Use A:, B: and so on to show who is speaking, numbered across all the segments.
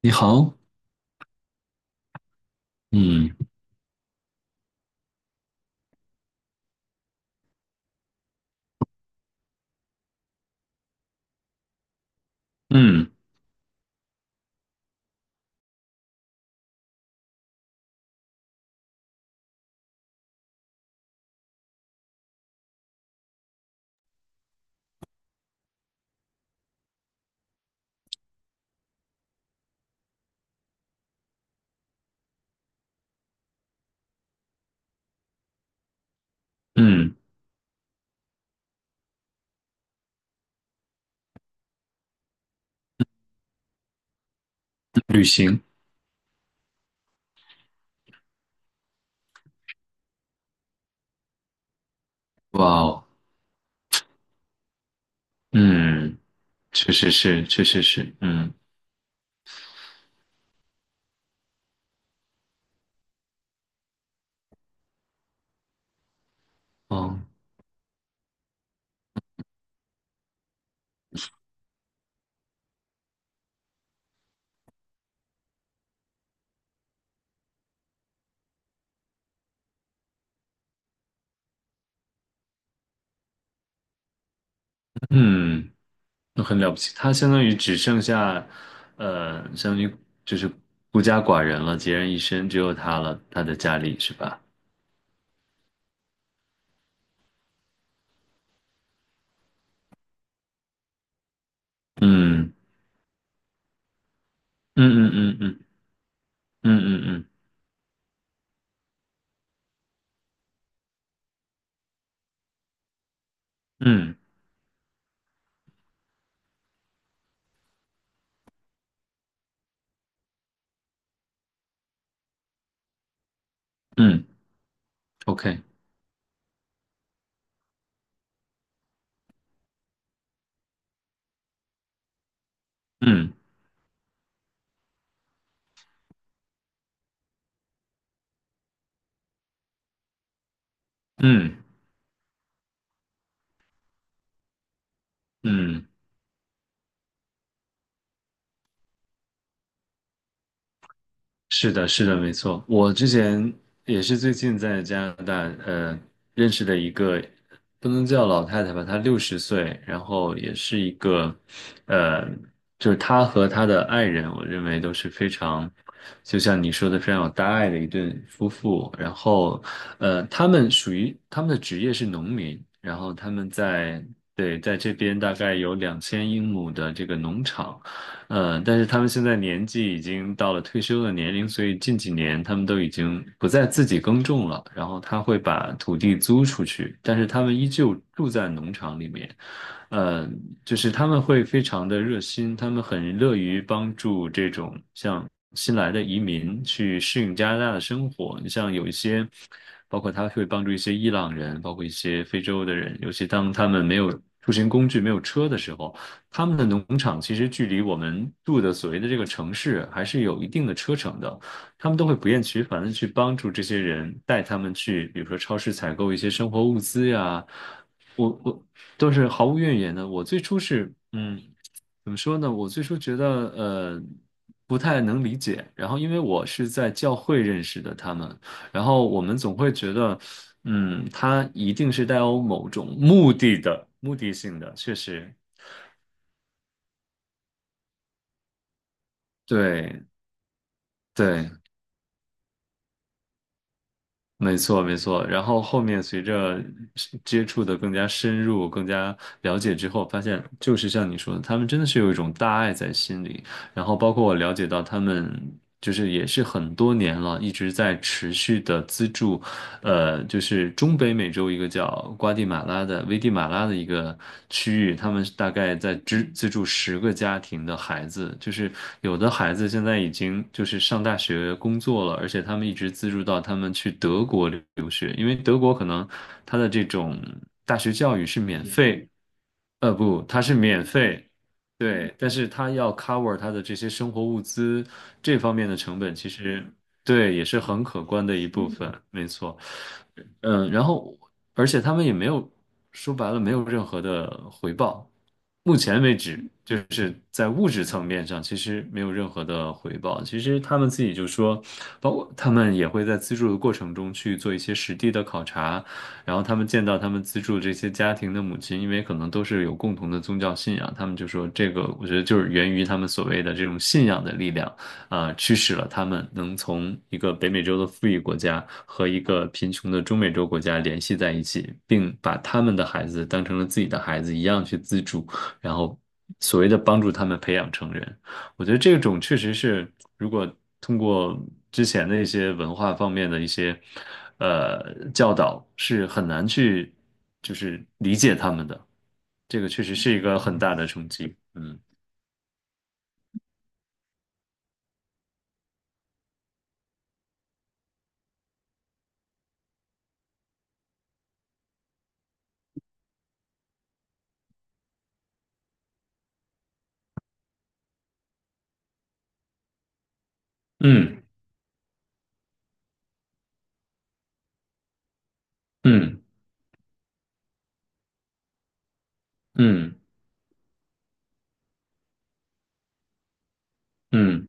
A: 你好。嗯嗯嗯。旅行。哇哦。嗯。确实是，确实是。嗯。哦。嗯。那很了不起。他相当于只剩下，相当于就是孤家寡人了，孑然一身，只有他了，他的家里是吧？嗯嗯嗯嗯嗯嗯嗯嗯嗯嗯。OK。嗯嗯嗯。嗯。是的，是的，没错。我之前也是最近在加拿大，呃，认识的一个不能叫老太太吧，她60岁，然后也是一个，呃，就是她和她的爱人，我认为都是非常，就像你说的，非常有大爱的一对夫妇。然后，他们属于他们的职业是农民，然后他们在，对，在这边大概有2000英亩的这个农场。嗯，但是他们现在年纪已经到了退休的年龄，所以近几年他们都已经不再自己耕种了，然后他会把土地租出去，但是他们依旧住在农场里面。呃，就是他们会非常的热心，他们很乐于帮助这种像新来的移民去适应加拿大的生活。你像有一些，包括他会帮助一些伊朗人，包括一些非洲的人，尤其当他们没有出行工具、没有车的时候。他们的农场其实距离我们住的所谓的这个城市还是有一定的车程的，他们都会不厌其烦的去帮助这些人，带他们去，比如说超市采购一些生活物资呀，我都是毫无怨言的。我最初是，怎么说呢？我最初觉得呃不太能理解，然后因为我是在教会认识的他们，然后我们总会觉得，他一定是带有某种目的的、目的性的，确实，对对，没错，没错。然后后面随着是接触的更加深入、更加了解之后，发现就是像你说的，他们真的是有一种大爱在心里。然后包括我了解到，他们就是也是很多年了，一直在持续的资助就是中北美洲一个叫瓜地马拉的危地马拉的一个区域，他们大概在资助10个家庭的孩子，就是有的孩子现在已经就是上大学工作了，而且他们一直资助到他们去德国留学，因为德国可能他的这种大学教育是免费。不，它是免费，对，但是它要 cover 它的这些生活物资这方面的成本，其实，对，也是很可观的一部分，没错。嗯，然后而且他们也没有说白了没有任何的回报，目前为止就是在物质层面上其实没有任何的回报。其实他们自己就说，包括他们也会在资助的过程中去做一些实地的考察，然后他们见到他们资助这些家庭的母亲，因为可能都是有共同的宗教信仰，他们就说这个，我觉得就是源于他们所谓的这种信仰的力量，啊、驱使了他们能从一个北美洲的富裕国家和一个贫穷的中美洲国家联系在一起，并把他们的孩子当成了自己的孩子一样去资助，然后所谓的帮助他们培养成人。我觉得这种确实是，如果通过之前的一些文化方面的一些教导，是很难去就是理解他们的。这个确实是一个很大的冲击。嗯嗯嗯嗯嗯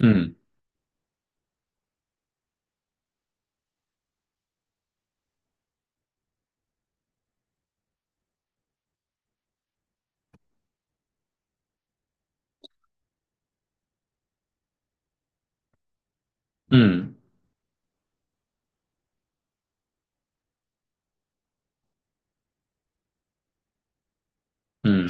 A: 嗯嗯嗯嗯。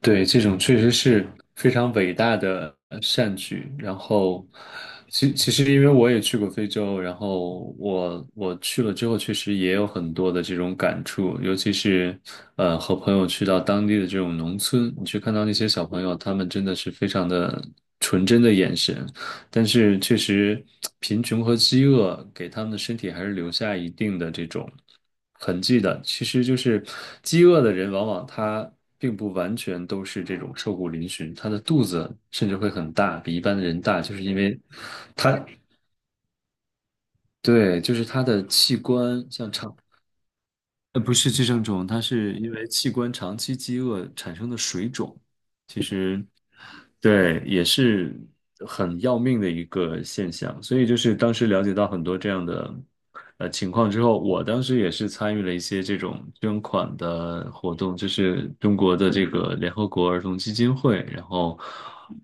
A: 对，这种确实是非常伟大的善举。然后，其实因为我也去过非洲，然后我去了之后，确实也有很多的这种感触，尤其是和朋友去到当地的这种农村，你去看到那些小朋友，他们真的是非常的纯真的眼神，但是确实，贫穷和饥饿给他们的身体还是留下一定的这种痕迹的。其实就是，饥饿的人往往他并不完全都是这种瘦骨嶙峋，他的肚子甚至会很大，比一般的人大，就是因为他，对，就是他的器官像肠，不是寄生虫，它是因为器官长期饥饿产生的水肿。其实，对，也是很要命的一个现象。所以就是当时了解到很多这样的情况之后，我当时也是参与了一些这种捐款的活动，就是中国的这个联合国儿童基金会。然后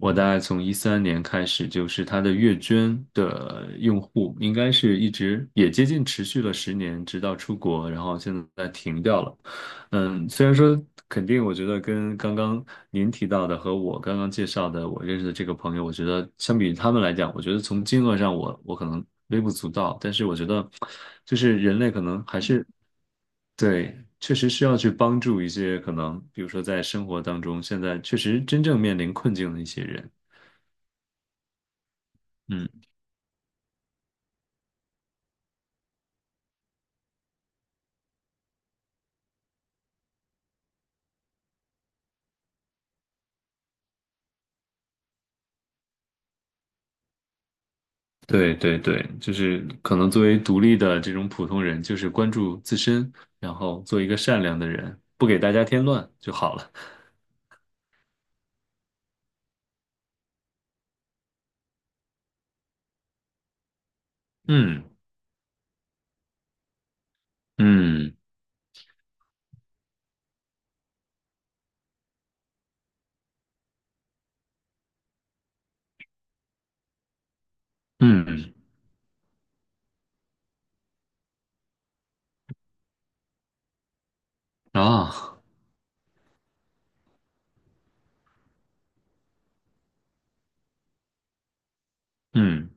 A: 我大概从13年开始，就是它的月捐的用户应该是一直也接近持续了10年，直到出国，然后现在停掉了。嗯，虽然说肯定，我觉得跟刚刚您提到的和我刚刚介绍的我认识的这个朋友，我觉得相比于他们来讲，我觉得从金额上我可能微不足道，但是我觉得就是人类可能还是，对，确实需要去帮助一些可能，比如说在生活当中现在确实真正面临困境的一些人。嗯，对对对，就是可能作为独立的这种普通人，就是关注自身，然后做一个善良的人，不给大家添乱就好了。嗯。嗯嗯。啊，嗯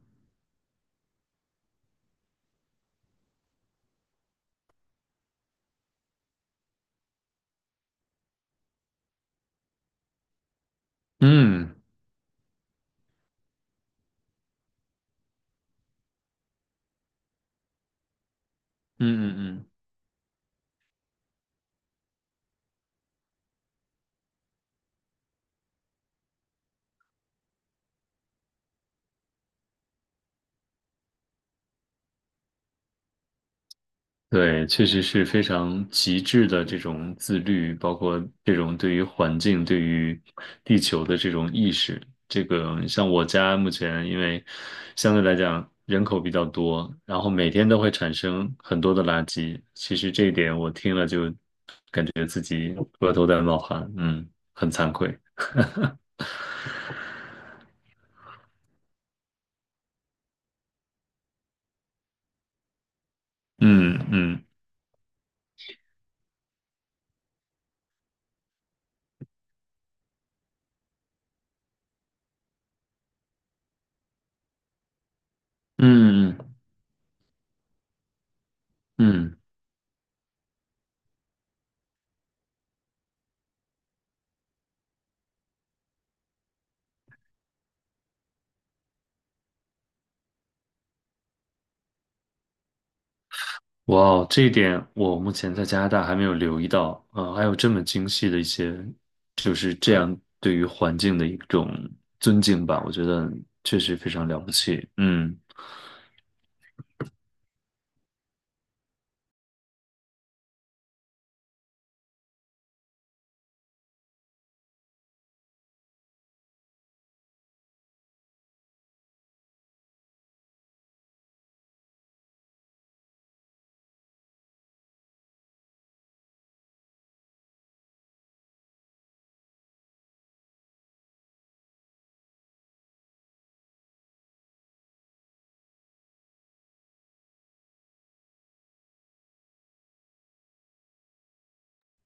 A: 嗯嗯嗯嗯。对，确实是非常极致的这种自律，包括这种对于环境、对于地球的这种意识。这个像我家目前，因为相对来讲人口比较多，然后每天都会产生很多的垃圾。其实这一点我听了就额头在冒汗，很惭愧。嗯嗯嗯嗯嗯。哇哦，这一点我目前在加拿大还没有留意到，还有这么精细的一些，就是这样对于环境的一种尊敬吧，我觉得确实非常了不起。嗯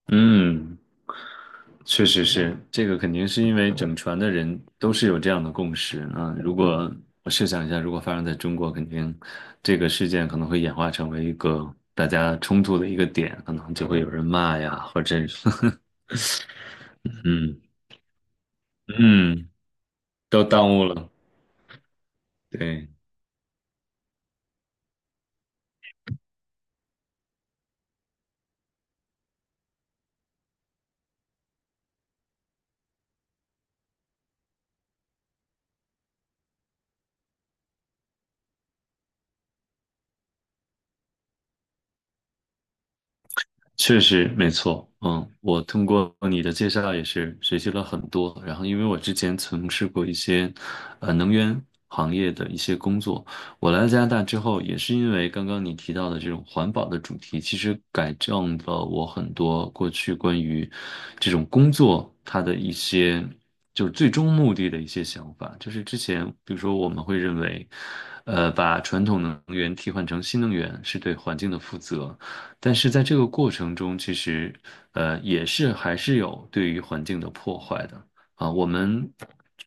A: 嗯，确实是，这个肯定是因为整船的人都是有这样的共识啊。如果我设想一下，如果发生在中国，肯定这个事件可能会演化成为一个大家冲突的一个点，可能就会有人骂呀，或者是 嗯嗯，都耽误了。对。确实没错，嗯，我通过你的介绍也是学习了很多。然后，因为我之前从事过一些能源行业的一些工作，我来加拿大之后，也是因为刚刚你提到的这种环保的主题，其实改正了我很多过去关于这种工作它的一些就是最终目的的一些想法。就是之前，比如说我们会认为，把传统能源替换成新能源是对环境的负责。但是在这个过程中，其实也是还是有对于环境的破坏的。啊，我们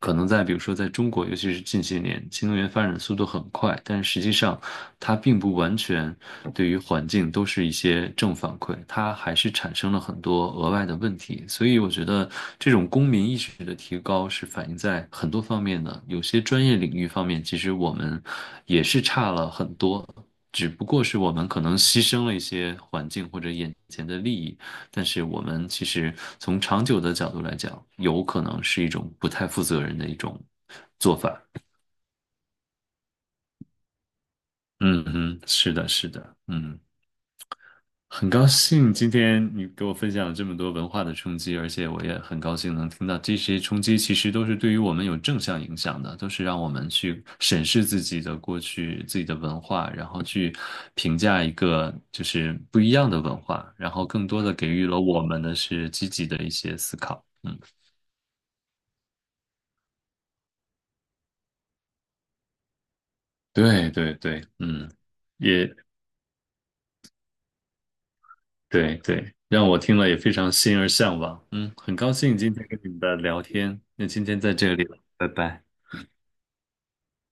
A: 可能在比如说在中国，尤其是近些年，新能源发展的速度很快，但实际上它并不完全对于环境都是一些正反馈，它还是产生了很多额外的问题。所以我觉得这种公民意识的提高是反映在很多方面的，有些专业领域方面，其实我们也是差了很多。只不过是我们可能牺牲了一些环境或者眼前的利益，但是我们其实从长久的角度来讲，有可能是一种不太负责任的一种做法。嗯嗯，是的，是的，很高兴今天你给我分享了这么多文化的冲击，而且我也很高兴能听到这些冲击其实都是对于我们有正向影响的，都是让我们去审视自己的过去、自己的文化，然后去评价一个就是不一样的文化，然后更多的给予了我们的是积极的一些思考。嗯。对对对，嗯，也，对对，让我听了也非常心而向往。嗯，很高兴今天跟你们的聊天，那今天在这里了，拜拜。